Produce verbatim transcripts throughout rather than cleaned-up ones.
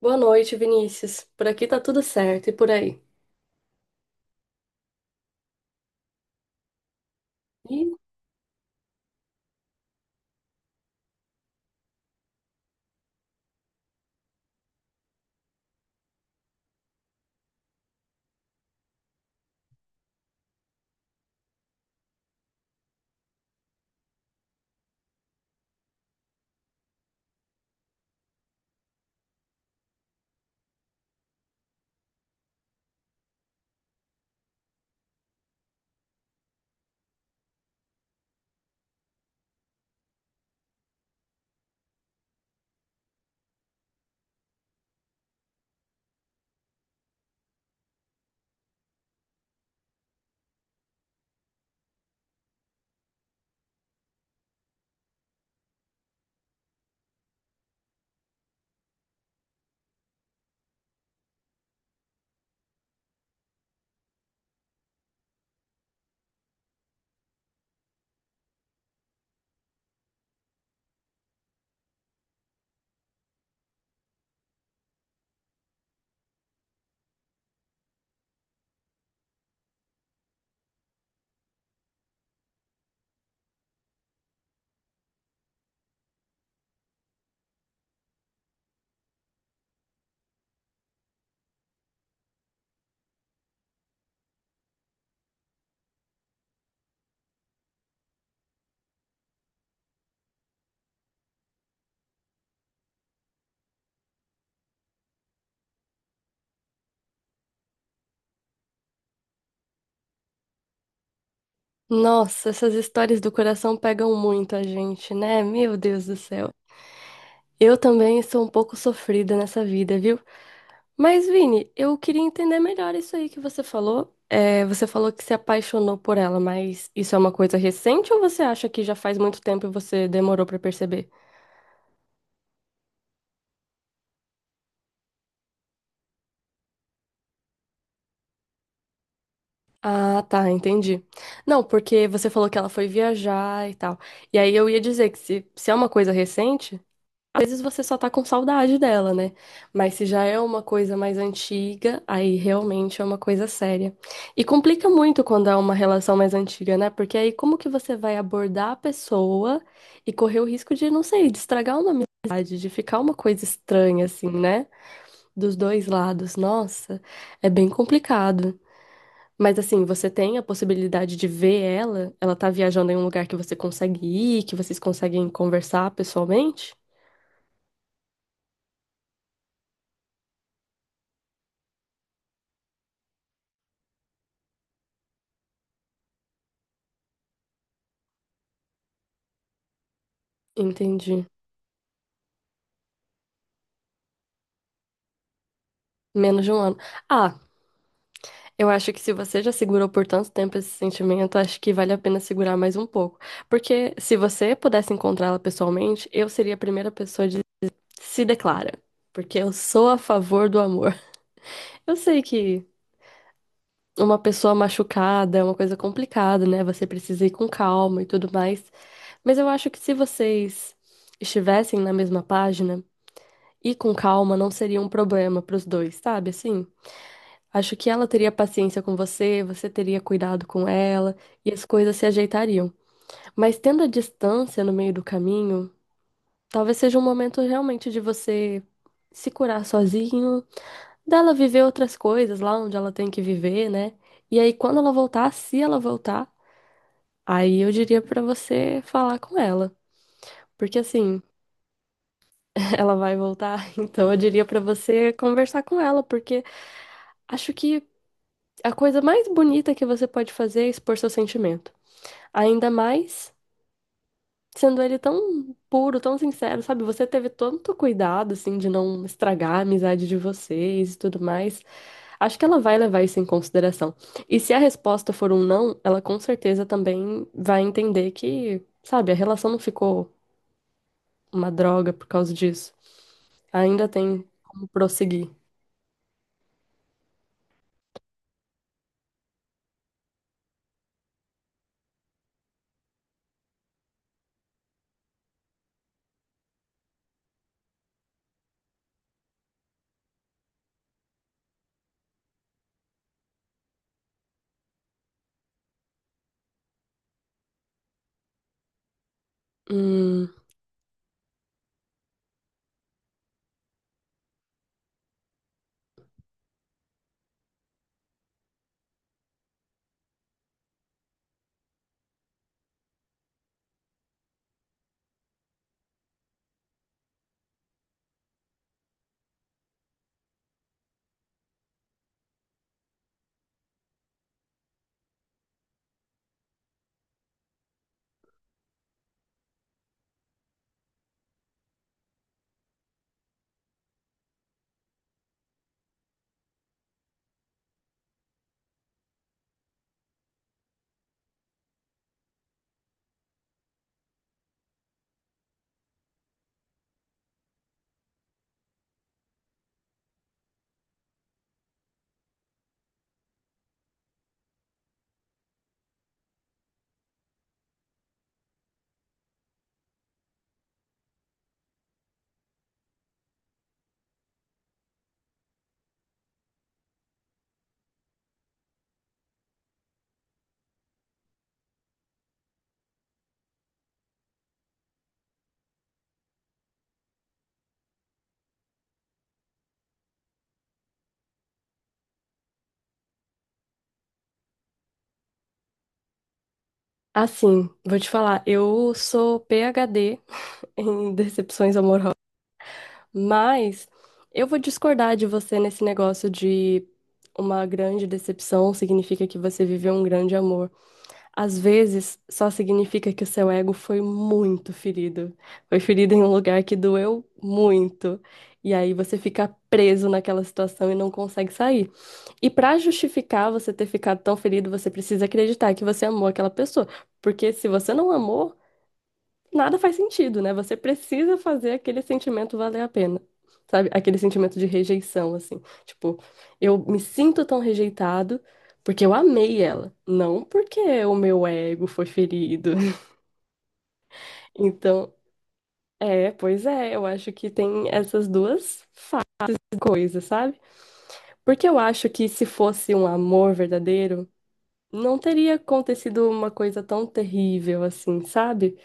Boa noite, Vinícius. Por aqui tá tudo certo, e por aí? Ih, nossa, essas histórias do coração pegam muito a gente, né? Meu Deus do céu. Eu também sou um pouco sofrida nessa vida, viu? Mas, Vini, eu queria entender melhor isso aí que você falou. É, você falou que se apaixonou por ela, mas isso é uma coisa recente ou você acha que já faz muito tempo e você demorou pra perceber? Ah, tá, entendi. Não, porque você falou que ela foi viajar e tal. E aí eu ia dizer que se, se é uma coisa recente. Às vezes você só tá com saudade dela, né? Mas se já é uma coisa mais antiga, aí realmente é uma coisa séria. E complica muito quando é uma relação mais antiga, né? Porque aí como que você vai abordar a pessoa e correr o risco de, não sei, de estragar uma amizade, de ficar uma coisa estranha, assim, né? Dos dois lados. Nossa, é bem complicado. Mas assim, você tem a possibilidade de ver ela? Ela tá viajando em um lugar que você consegue ir, que vocês conseguem conversar pessoalmente? Entendi. Menos de um ano. Ah, eu acho que se você já segurou por tanto tempo esse sentimento, acho que vale a pena segurar mais um pouco. Porque se você pudesse encontrá-la pessoalmente, eu seria a primeira pessoa de se declara. Porque eu sou a favor do amor. Eu sei que uma pessoa machucada é uma coisa complicada, né? Você precisa ir com calma e tudo mais. Mas eu acho que se vocês estivessem na mesma página, ir com calma não seria um problema pros dois, sabe? Assim. Acho que ela teria paciência com você, você teria cuidado com ela e as coisas se ajeitariam. Mas tendo a distância no meio do caminho, talvez seja um momento realmente de você se curar sozinho, dela viver outras coisas lá onde ela tem que viver, né? E aí quando ela voltar, se ela voltar, aí eu diria pra você falar com ela. Porque assim, ela vai voltar, então eu diria pra você conversar com ela, porque acho que a coisa mais bonita que você pode fazer é expor seus sentimentos. Ainda mais sendo ele tão puro, tão sincero, sabe? Você teve tanto cuidado, assim, de não estragar a amizade de vocês e tudo mais. Acho que ela vai levar isso em consideração. E se a resposta for um não, ela com certeza também vai entender que, sabe, a relação não ficou uma droga por causa disso. Ainda tem como prosseguir. Hum, assim, vou te falar, eu sou P H D em decepções. Mas eu vou discordar de você nesse negócio de uma grande decepção significa que você viveu um grande amor. Às vezes, só significa que o seu ego foi muito ferido. Foi ferido em um lugar que doeu muito. E aí você fica preso naquela situação e não consegue sair. E pra justificar você ter ficado tão ferido, você precisa acreditar que você amou aquela pessoa. Porque se você não amou, nada faz sentido, né? Você precisa fazer aquele sentimento valer a pena. Sabe? Aquele sentimento de rejeição, assim. Tipo, eu me sinto tão rejeitado porque eu amei ela, não porque o meu ego foi ferido. Então, é, pois é, eu acho que tem essas duas faces da coisa, sabe? Porque eu acho que se fosse um amor verdadeiro, não teria acontecido uma coisa tão terrível assim, sabe?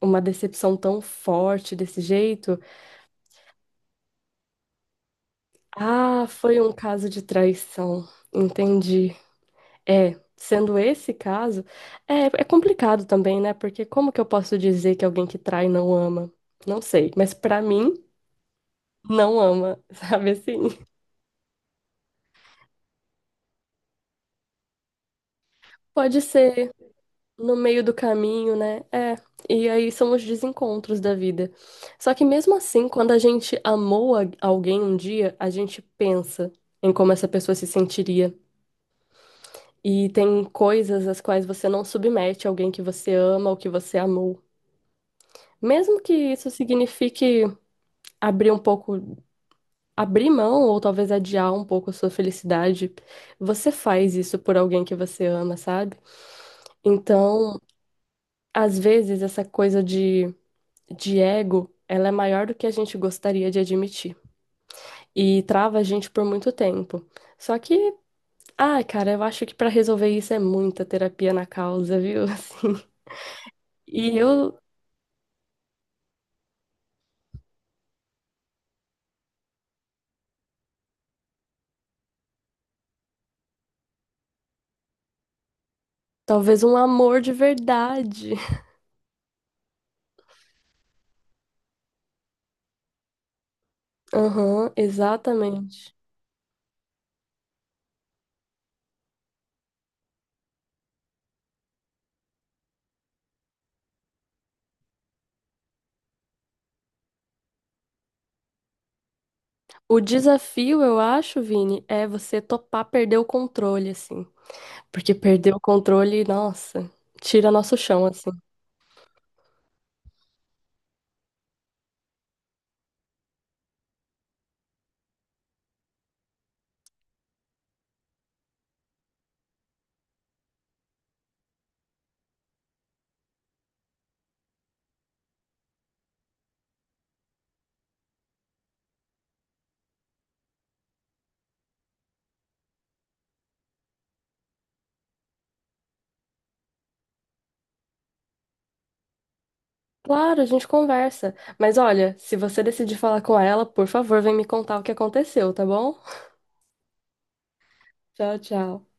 Uma decepção tão forte desse jeito. Ah, foi um caso de traição. Entendi. É, sendo esse caso, é, é complicado também, né? Porque como que eu posso dizer que alguém que trai não ama? Não sei, mas pra mim, não ama, sabe assim? Pode ser no meio do caminho, né? É, e aí são os desencontros da vida. Só que mesmo assim, quando a gente amou a- alguém um dia, a gente pensa em como essa pessoa se sentiria. E tem coisas às quais você não submete alguém que você ama ou que você amou. Mesmo que isso signifique abrir um pouco, abrir mão ou talvez adiar um pouco a sua felicidade, você faz isso por alguém que você ama, sabe? Então, às vezes essa coisa de, de ego, ela é maior do que a gente gostaria de admitir e trava a gente por muito tempo. Só que, ai, cara, eu acho que para resolver isso é muita terapia na causa, viu? Assim, e eu talvez um amor de verdade. Aham, exatamente. O desafio, eu acho, Vini, é você topar perder o controle, assim. Porque perder o controle, nossa, tira nosso chão, assim. Claro, a gente conversa. Mas olha, se você decidir falar com ela, por favor, vem me contar o que aconteceu, tá bom? Tchau, tchau.